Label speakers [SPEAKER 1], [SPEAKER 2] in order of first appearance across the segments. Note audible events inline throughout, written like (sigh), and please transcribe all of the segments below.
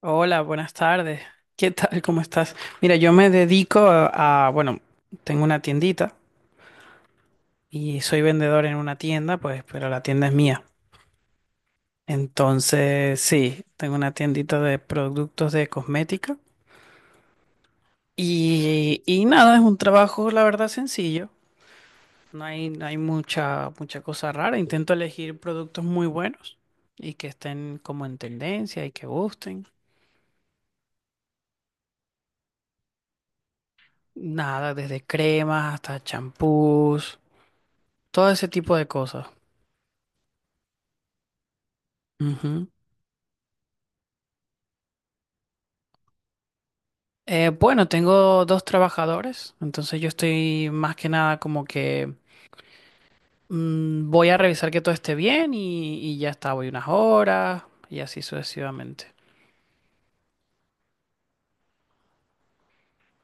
[SPEAKER 1] Hola, buenas tardes. ¿Qué tal? ¿Cómo estás? Mira, yo me dedico a, bueno, tengo una tiendita y soy vendedor en una tienda, pues, pero la tienda es mía. Entonces, sí, tengo una tiendita de productos de cosmética y nada, es un trabajo, la verdad, sencillo. No hay mucha, mucha cosa rara. Intento elegir productos muy buenos y que estén como en tendencia y que gusten. Nada, desde cremas hasta champús, todo ese tipo de cosas. Ujú. Bueno, tengo dos trabajadores, entonces yo estoy más que nada como que voy a revisar que todo esté bien y ya está, voy unas horas y así sucesivamente.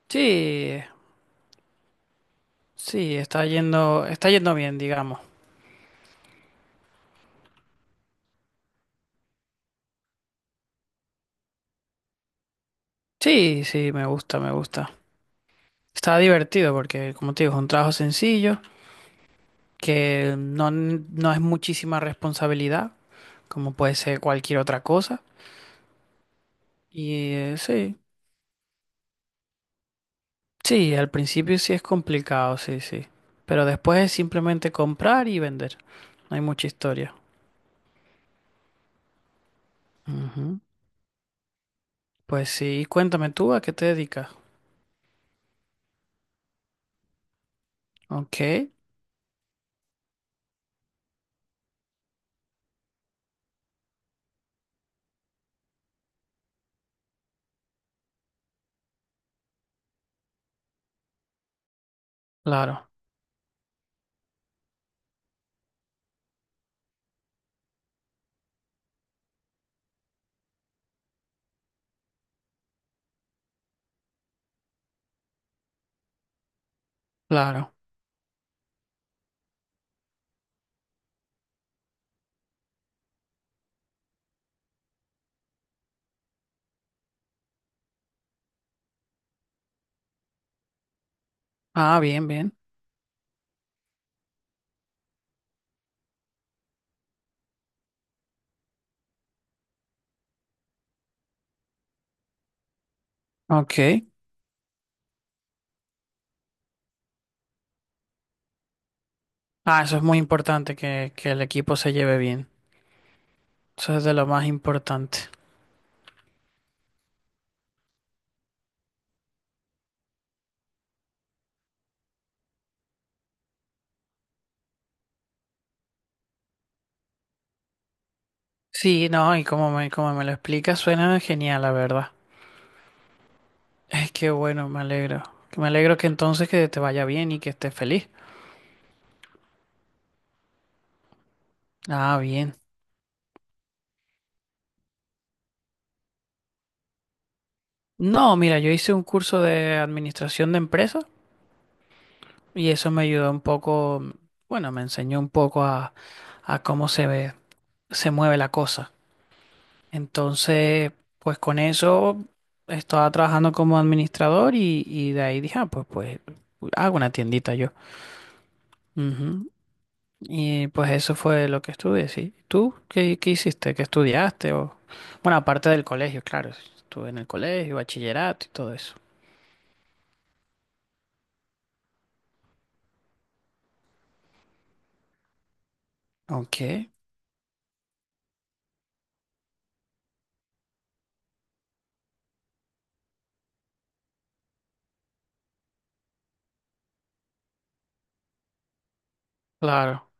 [SPEAKER 1] Sí, sí, está yendo bien, digamos. Sí, sí, me gusta, me gusta. Está divertido porque, como te digo, es un trabajo sencillo, que no, no es muchísima responsabilidad, como puede ser cualquier otra cosa. Y sí. Sí, al principio sí es complicado, sí, sí. Pero después es simplemente comprar y vender. No hay mucha historia. Ujú. Pues sí, cuéntame tú a qué te dedicas. Ok, claro, claro. Ah, bien, bien. Ok. Ah, eso es muy importante que el equipo se lleve bien. Eso es de lo más importante. Sí, no, y como me lo explicas, suena genial, la verdad. Es que bueno, me alegro. Me alegro que entonces que te vaya bien y que estés feliz. Ah, bien. No, mira, yo hice un curso de administración de empresas y eso me ayudó un poco, bueno, me enseñó un poco a cómo se ve, se mueve la cosa. Entonces, pues con eso estaba trabajando como administrador y de ahí dije, ah, pues, pues hago una tiendita yo. Ujú. Y pues eso fue lo que estudié, sí. ¿Tú qué, qué hiciste? ¿Qué estudiaste? O... Bueno, aparte del colegio, claro, estuve en el colegio, bachillerato y todo eso. Ok, claro.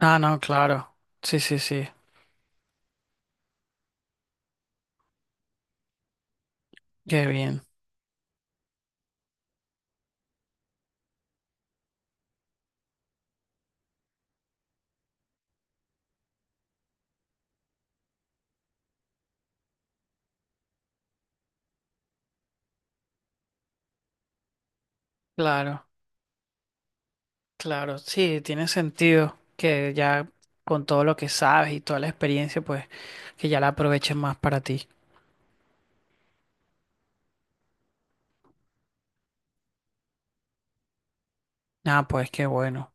[SPEAKER 1] Ah, no, claro. Sí, sí, sí. Qué bien. Claro, claro. Sí, tiene sentido que ya con todo lo que sabes y toda la experiencia, pues que ya la aproveches más para ti. Ah, pues qué bueno.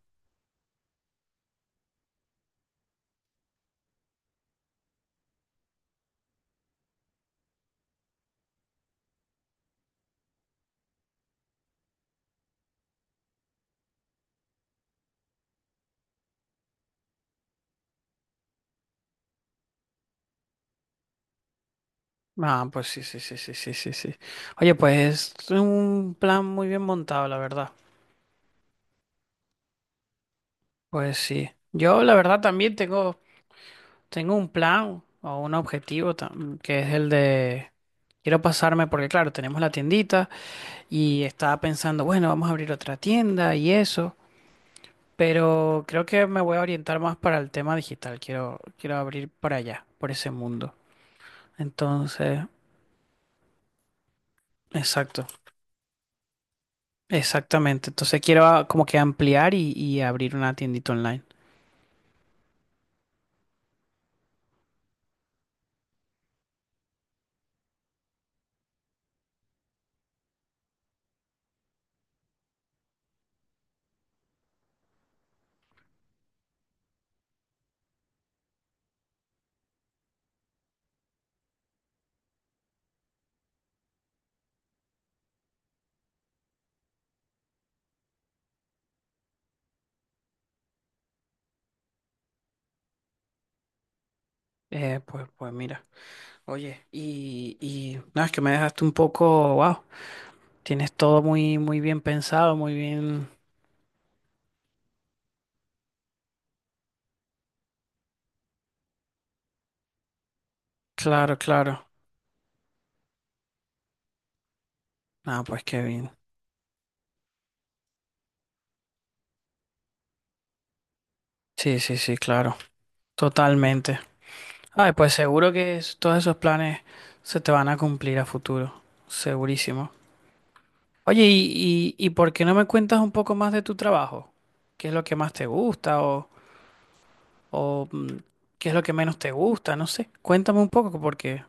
[SPEAKER 1] Ah, pues sí, sí, sí, sí, sí, sí, sí. Oye, pues es un plan muy bien montado, la verdad. Pues sí. Yo, la verdad, también tengo, tengo un plan o un objetivo que es el de quiero pasarme, porque claro, tenemos la tiendita. Y estaba pensando, bueno, vamos a abrir otra tienda y eso, pero creo que me voy a orientar más para el tema digital, quiero, quiero abrir para allá, por ese mundo. Entonces, exacto, exactamente. Entonces quiero como que ampliar y abrir una tiendita online. Pues mira, oye, y no, es que me dejaste un poco, wow, tienes todo muy, muy bien pensado, muy bien, claro, claro. Ah, pues qué bien. Sí, sí, sí, claro, totalmente. Ay, pues seguro que todos esos planes se te van a cumplir a futuro, segurísimo. Oye, ¿y por qué no me cuentas un poco más de tu trabajo? ¿Qué es lo que más te gusta o qué es lo que menos te gusta? No sé, cuéntame un poco porque,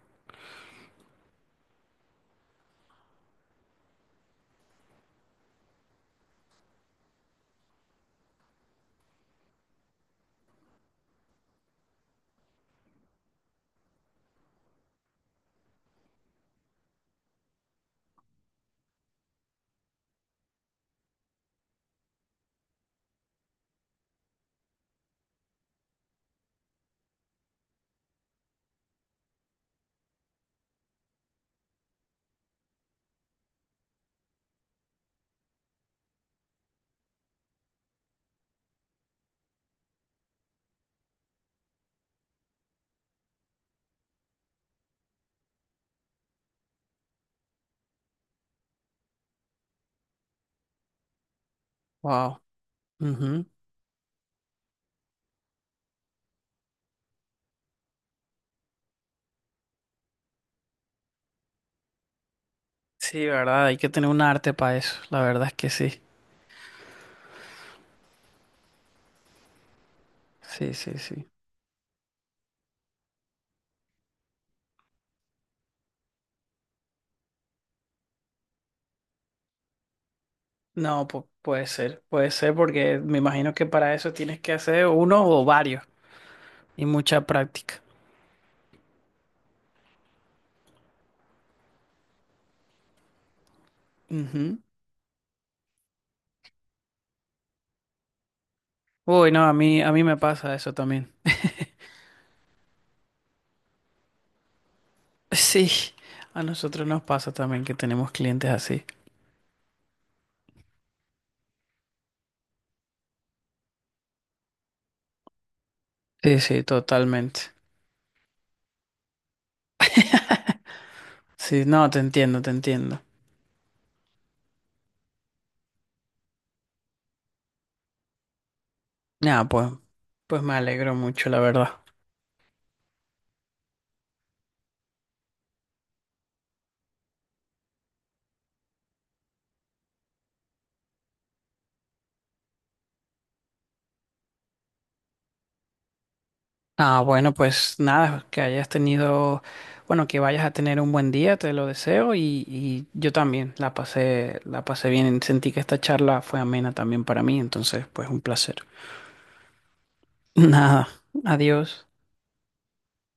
[SPEAKER 1] wow. Ujú. Sí, verdad, hay que tener un arte para eso, la verdad es que sí. Sí, sí, sí. No, puede ser porque me imagino que para eso tienes que hacer uno o varios y mucha práctica. Ujú. Uy, no, a mí me pasa eso también. (laughs) Sí, a nosotros nos pasa también que tenemos clientes así. Sí, sí, totalmente. Sí, no, te entiendo, te entiendo. Nada, pues, pues me alegro mucho, la verdad. Ah, bueno, pues nada, que hayas tenido, bueno, que vayas a tener un buen día, te lo deseo y yo también la pasé bien. Sentí que esta charla fue amena también para mí, entonces, pues un placer. (laughs) Nada, adiós.